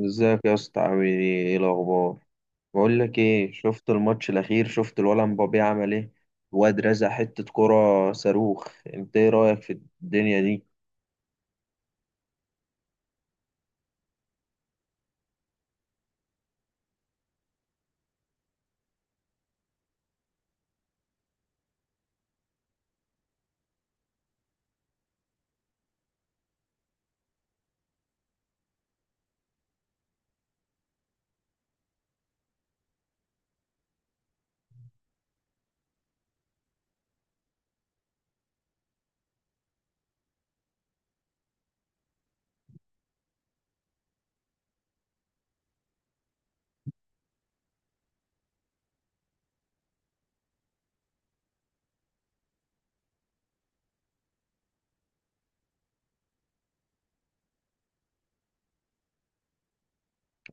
ازيك يا اسطى؟ عامل ايه؟ ايه الاخبار؟ بقول لك ايه، شفت الماتش الاخير؟ شفت الولد مبابي عمل ايه؟ الواد رزع حته كرة صاروخ. انت ايه رايك في الدنيا دي؟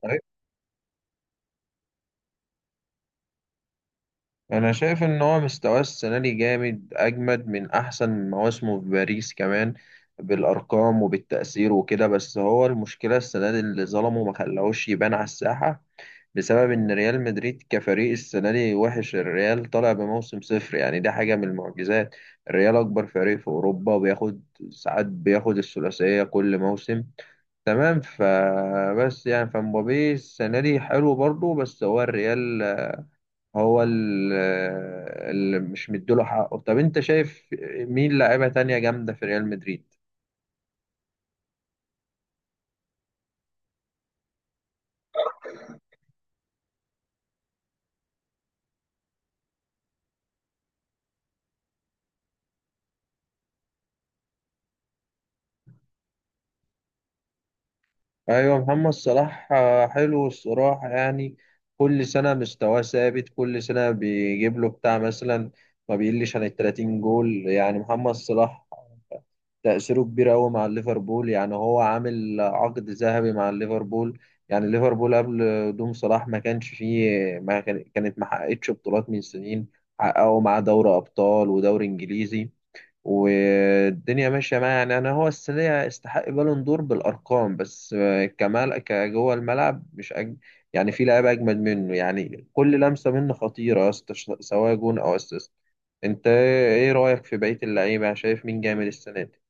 أيوة. انا شايف ان هو مستواه السنه دي جامد، اجمد من احسن مواسمه في باريس كمان، بالارقام وبالتاثير وكده. بس هو المشكله السنه دي اللي ظلمه ما خلاهوش يبان على الساحه، بسبب ان ريال مدريد كفريق السنه دي وحش. الريال طالع بموسم صفر، يعني ده حاجه من المعجزات. الريال اكبر فريق في اوروبا، وبياخد ساعات بياخد الثلاثيه كل موسم، تمام؟ يعني فمبابي السنه دي حلو برضه، بس هو الريال هو ال- اللي مش مديله حقه. طب انت شايف مين لاعيبه تانية جامده في ريال مدريد؟ ايوه، محمد صلاح حلو الصراحه يعني. كل سنه مستواه ثابت، كل سنه بيجيب له بتاع مثلا، ما بيقلش عن ال 30 جول يعني. محمد صلاح تأثيره كبير قوي مع الليفربول، يعني هو عامل عقد ذهبي مع الليفربول. يعني ليفربول قبل قدوم صلاح ما كانش فيه ما كان- كانت ما حققتش بطولات من سنين، حققوا معاه دوري ابطال ودوري انجليزي والدنيا ماشيه معاه. يعني هو السنه دي يستحق بالون دور بالارقام، بس كمال كجوه الملعب مش يعني في لعيبه اجمد منه. يعني كل لمسه منه خطيره يا اسطى، سواء جون او اسيست. انت ايه رايك في بقيه اللعيبه؟ يعني شايف مين جامد السنه دي؟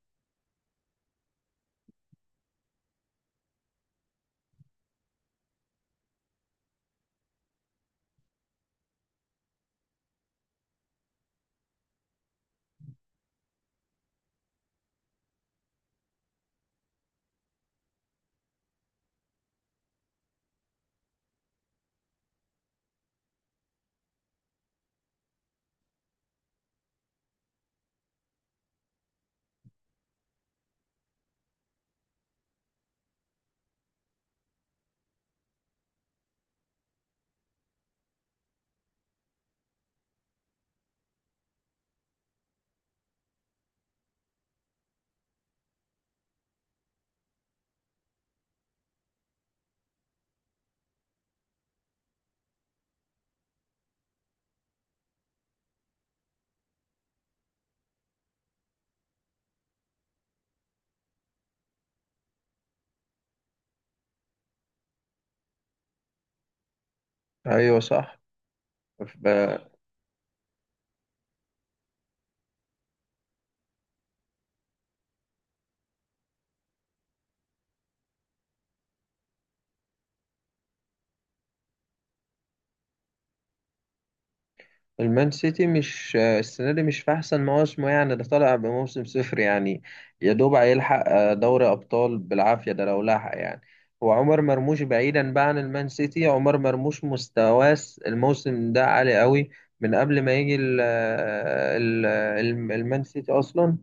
ايوه صح. المان سيتي مش السنة دي مش في أحسن مواسمه، يعني ده طالع بموسم صفر يعني. يا دوب هيلحق دوري أبطال بالعافية، ده لو لحق يعني. هو عمر مرموش، بعيدا بقى عن المان سيتي، عمر مرموش مستواه الموسم ده عالي قوي، من قبل ما يجي المان سيتي أصلا.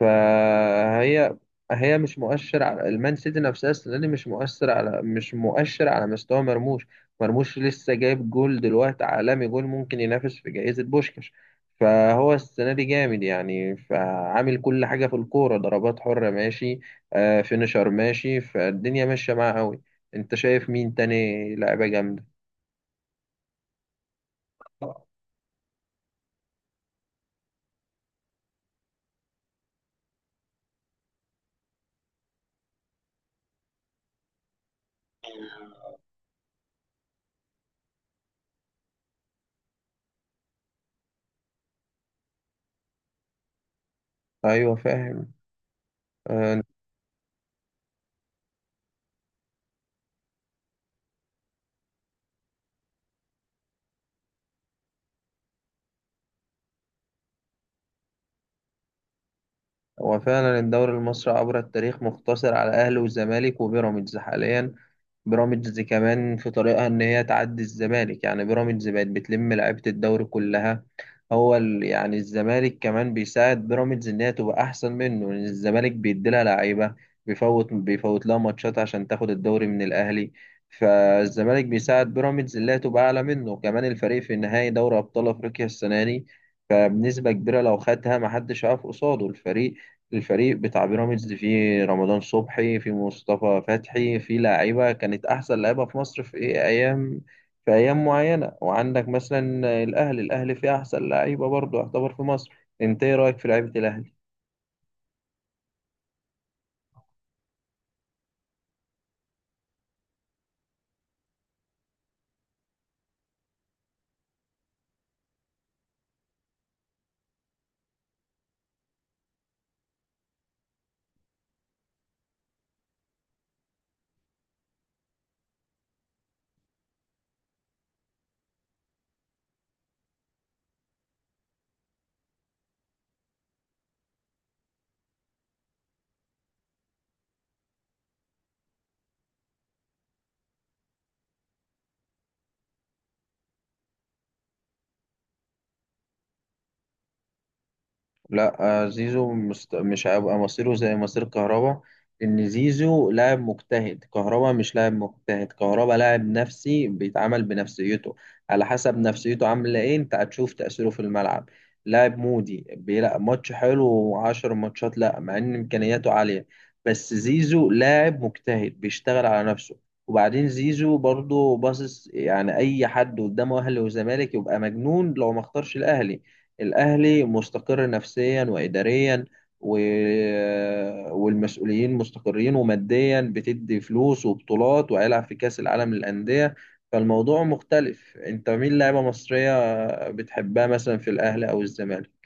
فهي هي مش مؤشر على المان سيتي، نفسها السنة دي مش مؤشر على مستوى مرموش. مرموش لسه جايب جول دلوقتي عالمي، جول ممكن ينافس في جائزة بوشكاش. فهو السنة دي جامد يعني، فعامل كل حاجة في الكورة، ضربات حرة ماشي، آه فينشر ماشي، فالدنيا ماشية معاه قوي. انت شايف مين تاني لعيبة جامدة؟ ايوه فاهم. آه، هو فعلا الدوري المصري عبر التاريخ مقتصر على الاهلي والزمالك وبيراميدز حاليا. بيراميدز كمان في طريقها ان هي تعدي الزمالك، يعني بيراميدز بقت بتلم لعيبة الدوري كلها. يعني الزمالك كمان بيساعد بيراميدز ان هي تبقى احسن منه، لان الزمالك بيديلها لعيبة، بيفوت لها ماتشات عشان تاخد الدوري من الاهلي. فالزمالك بيساعد بيراميدز ان هي تبقى اعلى منه. كمان الفريق في نهائي دوري ابطال افريقيا السنة دي، فبنسبة كبيرة لو خدها محدش هيقف قصاده الفريق. الفريق بتاع بيراميدز فيه رمضان صبحي، فيه مصطفى فتحي، فيه لاعيبة كانت أحسن لاعيبة في مصر في أيام، في أيام معينة. وعندك مثلا الأهلي، الأهلي فيه أحسن لاعيبة برضه يعتبر في مصر. أنت إيه رأيك في لعيبة الأهلي؟ لا، زيزو مش هيبقى مصيره زي مصير كهربا. ان زيزو لاعب مجتهد، كهربا مش لاعب مجتهد، كهربا لاعب نفسي بيتعامل بنفسيته. على حسب نفسيته عامله ايه انت هتشوف تأثيره في الملعب. لاعب مودي بيلعب ماتش حلو وعشر ماتشات لا، مع ان امكانياته عاليه. بس زيزو لاعب مجتهد بيشتغل على نفسه. وبعدين زيزو برضه باصص، يعني اي حد قدامه اهلي وزمالك يبقى مجنون لو ما اختارش الاهلي. الأهلي مستقر نفسيا وإداريا و... والمسؤولين مستقرين، وماديا بتدي فلوس وبطولات، وهيلعب في كأس العالم للأندية. فالموضوع مختلف. أنت مين لاعيبة مصرية بتحبها مثلا في الأهلي أو الزمالك؟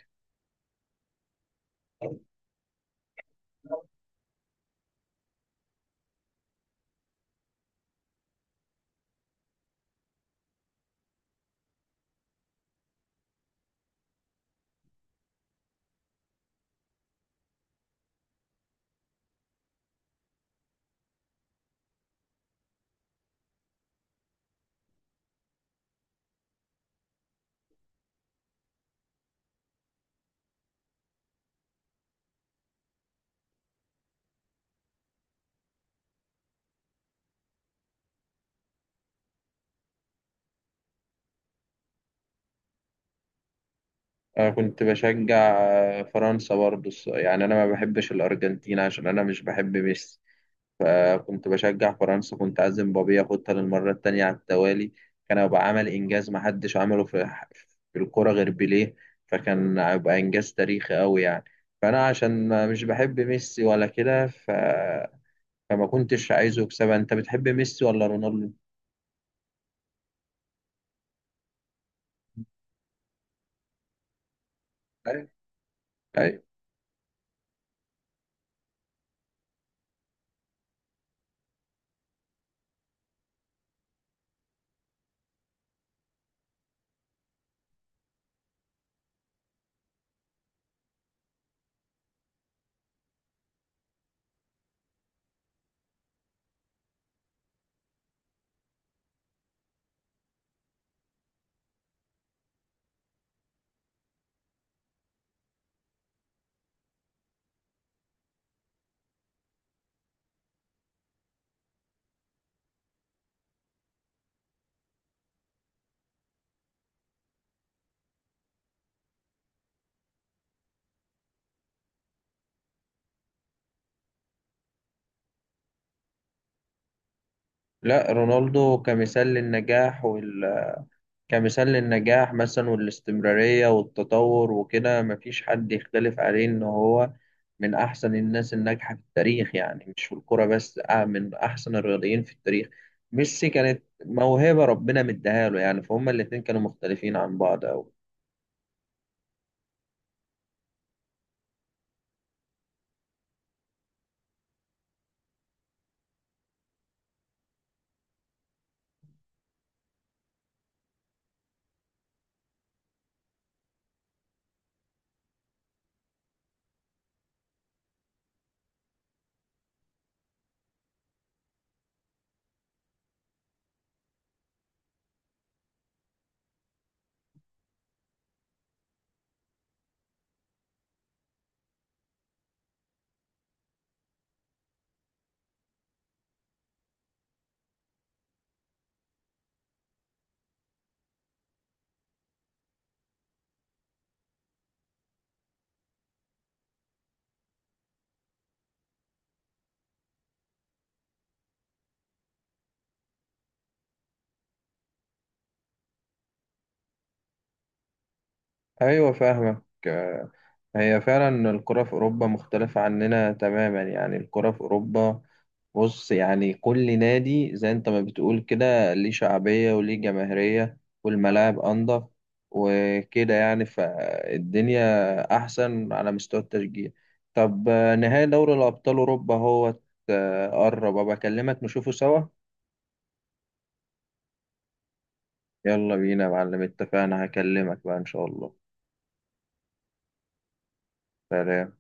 أنا كنت بشجع فرنسا برضه، يعني أنا ما بحبش الأرجنتين عشان أنا مش بحب ميسي. فكنت بشجع فرنسا، كنت عازم بابي ياخدها للمرة التانية على التوالي. كان هيبقى عمل إنجاز محدش عمله في في الكرة غير بيليه، فكان هيبقى إنجاز تاريخي أوي يعني. فأنا عشان مش بحب ميسي ولا كده فما كنتش عايزه يكسبها. أنت بتحب ميسي ولا رونالدو؟ أيوة. أيوة. لا رونالدو كمثال للنجاح كمثال للنجاح مثلا، والاستمرارية والتطور وكده، مفيش حد يختلف عليه إن هو من أحسن الناس الناجحة في التاريخ. يعني مش في الكرة بس، آه من أحسن الرياضيين في التاريخ. ميسي كانت موهبة ربنا مديها له، يعني فهم الاتنين كانوا مختلفين عن بعض أوي. أيوة فاهمك. هي فعلا الكرة في أوروبا مختلفة عننا تماما. يعني الكرة في أوروبا، بص يعني كل نادي زي انت ما بتقول كده ليه شعبية وليه جماهيرية، والملاعب أنضف وكده يعني، فالدنيا أحسن على مستوى التشجيع. طب نهائي دوري الأبطال أوروبا هو قرب، أبقى أكلمك نشوفه سوا. يلا بينا يا معلم، اتفقنا، هكلمك بقى إن شاء الله. سلام.